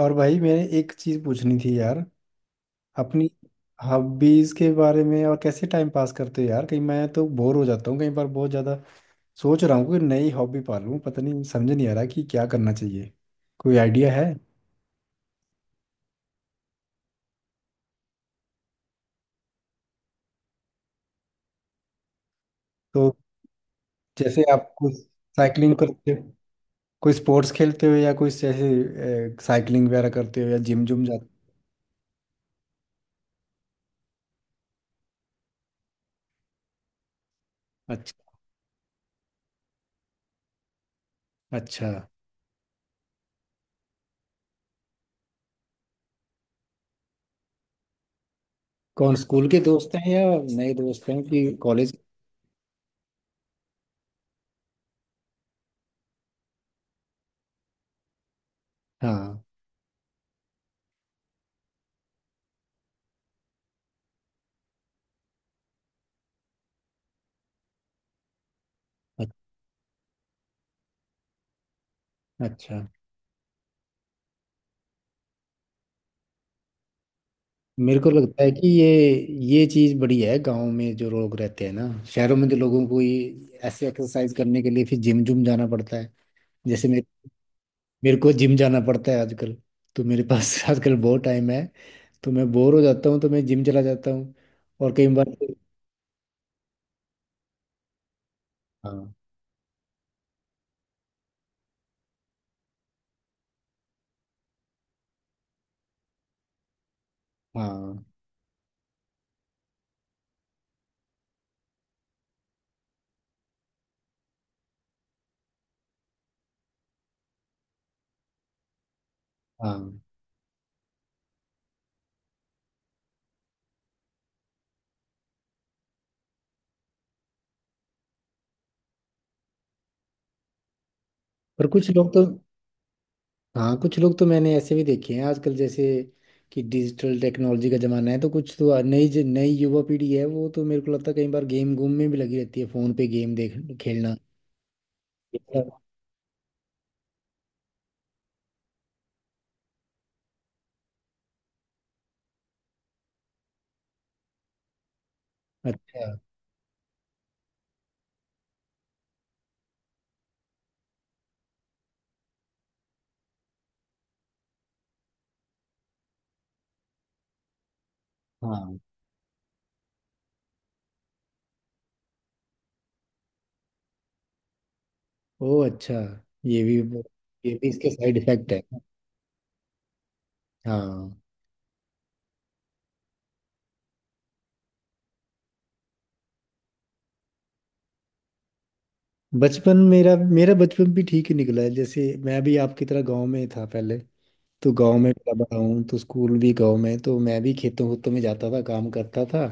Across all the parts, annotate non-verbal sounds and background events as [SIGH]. और भाई मैंने एक चीज़ पूछनी थी यार, अपनी हॉबीज़ के बारे में। और कैसे टाइम पास करते हो यार, कहीं मैं तो बोर हो जाता हूँ कई बार बहुत ज़्यादा। सोच रहा हूँ कोई नई हॉबी पालूँ, पता नहीं, समझ नहीं आ रहा कि क्या करना चाहिए। कोई आइडिया है? तो जैसे आप कुछ साइकिलिंग करते हो, कोई स्पोर्ट्स खेलते हो, या कोई जैसे साइकिलिंग वगैरह करते हो या जिम जुम जाते हो? अच्छा, अच्छा। कौन स्कूल के दोस्त हैं या नए दोस्त हैं कि कॉलेज? हाँ। अ- अच्छा। मेरे को लगता है कि ये चीज़ बड़ी है, गांव में जो लोग रहते हैं ना, शहरों में तो लोगों को ये ऐसे एक्सरसाइज करने के लिए फिर जिम जुम जाना पड़ता है। जैसे मेरे मेरे को जिम जाना पड़ता है आजकल। तो मेरे पास [LAUGHS] आजकल बहुत टाइम है, तो मैं बोर हो जाता हूँ तो मैं जिम चला जाता हूँ। और कई बार हाँ। हाँ, हाँ। पर कुछ लोग तो, हाँ, कुछ लोग तो मैंने ऐसे भी देखे हैं आजकल, जैसे कि डिजिटल टेक्नोलॉजी का ज़माना है, तो कुछ तो नई नई युवा पीढ़ी है, वो तो मेरे को लगता है कई बार गेम गूम में भी लगी रहती है, फ़ोन पे गेम देख खेलना। अच्छा। हाँ। ओ अच्छा। ये भी, ये भी इसके साइड इफेक्ट है। हाँ। बचपन, मेरा मेरा बचपन भी ठीक ही निकला है। जैसे मैं भी आपकी तरह गांव में था पहले। तो गांव में बड़ा बड़ा हूँ तो स्कूल भी गांव में, तो मैं भी खेतों खूतों में जाता था, काम करता था।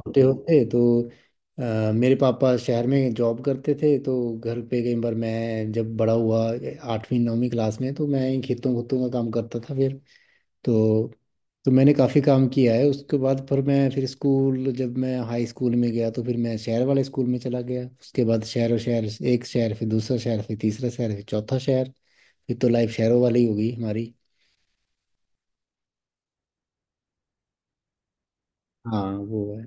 छोटे होते तो मेरे पापा शहर में जॉब करते थे, तो घर पे कई बार, मैं जब बड़ा हुआ आठवीं नौवीं क्लास में, तो मैं ही खेतों खूतों का काम करता था फिर। तो तो मैंने काफ़ी काम किया है। उसके बाद फिर मैं, फिर स्कूल, जब मैं हाई स्कूल में गया तो फिर मैं शहर वाले स्कूल में चला गया। उसके बाद शहर और शहर, एक शहर फिर दूसरा शहर फिर तीसरा शहर फिर चौथा शहर, फिर तो लाइफ शहरों वाली हो गई हमारी। हाँ वो है।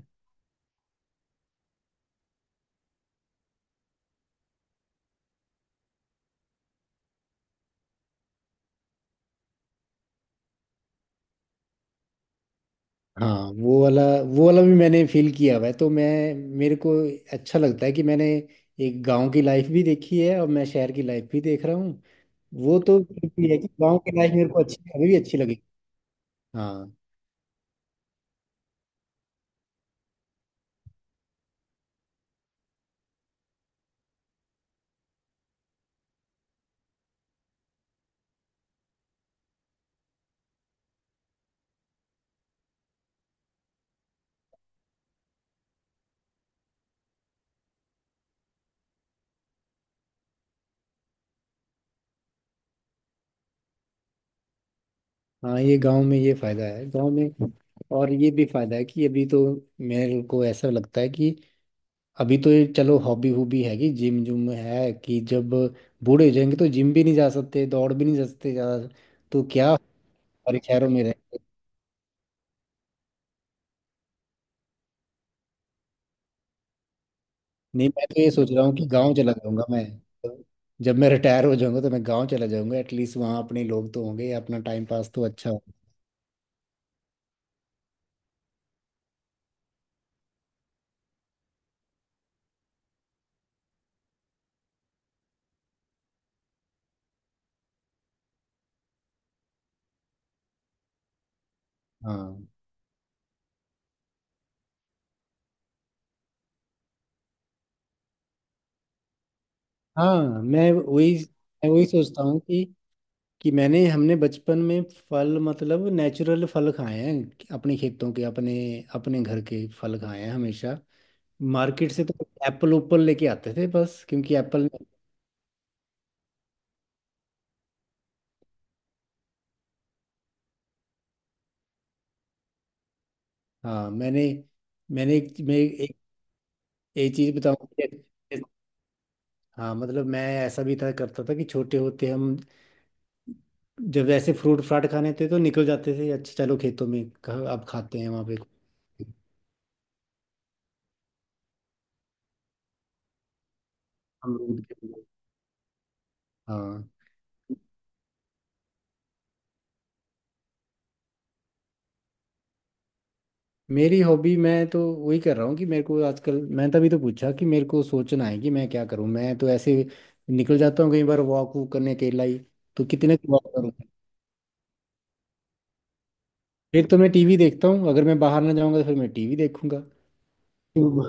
हाँ। वो वाला वो वाला भी मैंने फील किया हुआ है। तो मैं मेरे को अच्छा लगता है कि मैंने एक गांव की लाइफ भी देखी है और मैं शहर की लाइफ भी देख रहा हूँ। वो तो, ये है कि गांव की लाइफ मेरे को अच्छी अभी भी अच्छी लगी। हाँ। हाँ, ये गांव में, ये फायदा है गांव में। और ये भी फायदा है कि अभी तो, मेरे को ऐसा लगता है कि अभी तो ये चलो हॉबी हूबी है कि जिम जुम है, कि जब बूढ़े हो जाएंगे तो जिम भी नहीं जा सकते, दौड़ भी नहीं जा सकते ज्यादा। तो क्या हमारे शहरों में रहे? नहीं, मैं तो ये सोच रहा हूँ कि गांव चला जाऊंगा मैं। तो जब मैं रिटायर हो जाऊंगा तो मैं गांव चला जाऊंगा, एटलीस्ट वहाँ अपने लोग तो होंगे, अपना टाइम पास तो अच्छा होगा। हाँ। हाँ। मैं वही सोचता हूँ कि मैंने हमने बचपन में फल, मतलब नेचुरल फल खाए हैं अपने खेतों के, अपने अपने घर के फल खाए हैं हमेशा। मार्केट से तो एप्पल उप्पल लेके आते थे बस, क्योंकि एप्पल, हाँ। मैंने मैंने एक मैं एक, एक चीज बताऊँ? हाँ, मतलब मैं ऐसा भी था, करता था कि छोटे होते हम, जब ऐसे फ्रूट फ्राट खाने थे तो निकल जाते थे, अच्छा चलो खेतों में, कहा, अब खाते हैं वहाँ पे अमरूद के पेड़। हाँ। मेरी हॉबी, मैं तो वही कर रहा हूँ कि मेरे को आजकल, मैं तभी तो पूछा कि मेरे को सोचना है कि मैं क्या करूँ। मैं तो ऐसे निकल जाता हूँ कई बार वॉक वूक करने अकेला ही। तो कितने वॉक करूँ? फिर तो मैं टीवी देखता हूँ, अगर मैं बाहर ना जाऊँगा तो फिर मैं टीवी देखूंगा [LAUGHS] तो,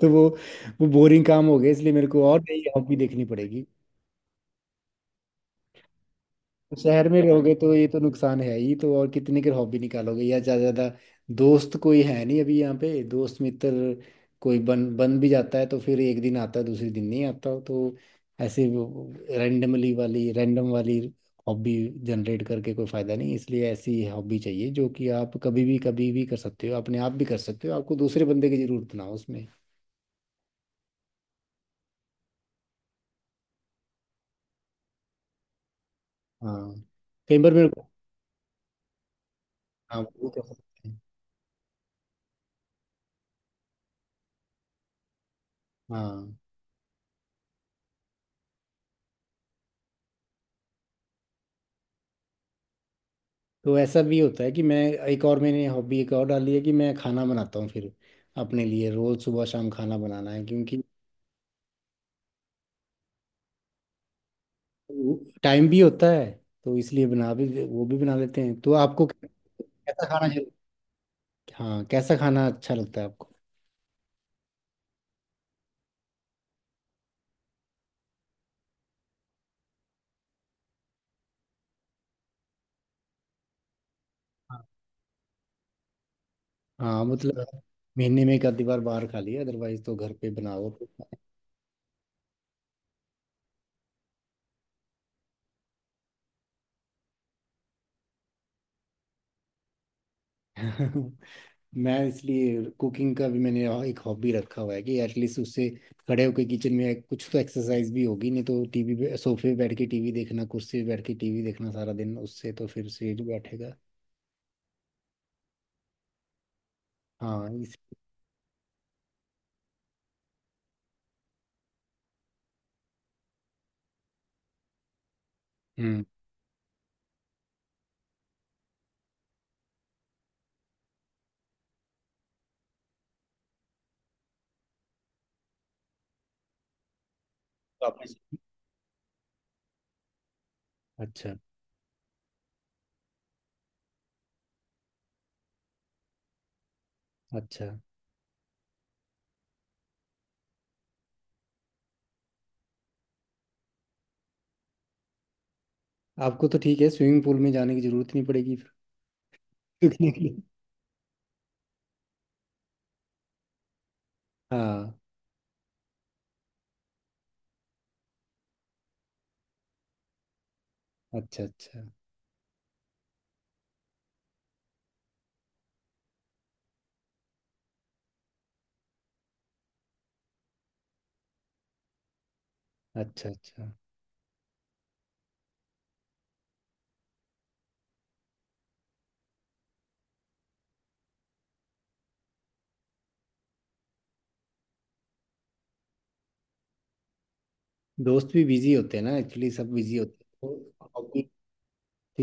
वो बोरिंग काम हो गया, इसलिए मेरे को और नई हॉबी देखनी पड़ेगी। तो शहर में रहोगे तो ये तो नुकसान है ही। तो और कितनी कर हॉबी निकालोगे? या ज्यादा ज्यादा दोस्त कोई है नहीं अभी यहाँ पे, दोस्त मित्र कोई बन बन भी जाता है तो फिर एक दिन आता है, दूसरे दिन नहीं आता। तो ऐसे रैंडम वाली हॉबी जनरेट करके कोई फायदा नहीं। इसलिए ऐसी हॉबी चाहिए जो कि आप कभी भी, कभी भी कर सकते हो, अपने आप भी कर सकते हो, आपको दूसरे बंदे की जरूरत ना हो उसमें। हाँ कई बार मेरे को, हाँ वो कर सकते हैं। हाँ तो ऐसा भी होता है कि मैं, एक और मैंने हॉबी एक और डाली है कि मैं खाना बनाता हूँ फिर अपने लिए, रोज सुबह शाम खाना बनाना है क्योंकि टाइम भी होता है। तो इसलिए बना, भी वो भी बना लेते हैं। तो आपको कैसा खाना चाहिए, हाँ, कैसा खाना अच्छा लगता है आपको? हाँ। हाँ, मतलब महीने में एक आधी बार बाहर खा लिया, अदरवाइज तो घर पे बनाओ। [LAUGHS] मैं इसलिए कुकिंग का भी मैंने एक हॉबी रखा हुआ है कि एटलीस्ट उससे खड़े होकर किचन में कुछ तो एक्सरसाइज भी होगी। नहीं तो टीवी पे, सोफे पे बैठ के टीवी देखना, कुर्सी पे बैठ के टीवी देखना सारा दिन, उससे तो फिर शरीर बैठेगा। हाँ इस, हम्म। तो आपने, अच्छा, अच्छा। आपको तो ठीक है, स्विमिंग पूल में जाने की जरूरत नहीं पड़ेगी फिर [LAUGHS] सीखने के लिए। हाँ। अच्छा अच्छा। अच्छा अच्छा। दोस्त भी बिजी होते हैं ना एक्चुअली, सब बिजी होते हैं।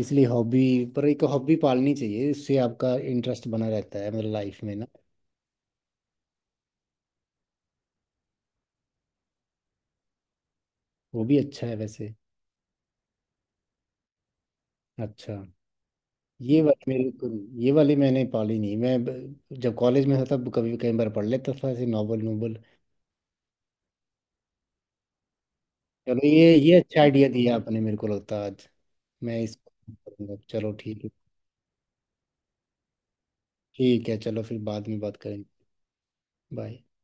इसलिए हॉबी, पर एक हॉबी पालनी चाहिए, इससे आपका इंटरेस्ट बना रहता है मतलब लाइफ में ना। वो भी अच्छा है वैसे। अच्छा, ये वाली मेरे को, ये वाली मैंने पाली नहीं। मैं जब कॉलेज में था तब कभी, कई बार पढ़ लेता था ऐसे नॉवल नूवल। चलो, ये अच्छा आइडिया दिया आपने, मेरे को लगता है आज मैं इसको करूंगा। चलो ठीक है। ठीक है, चलो फिर बाद में बात करेंगे। बाय।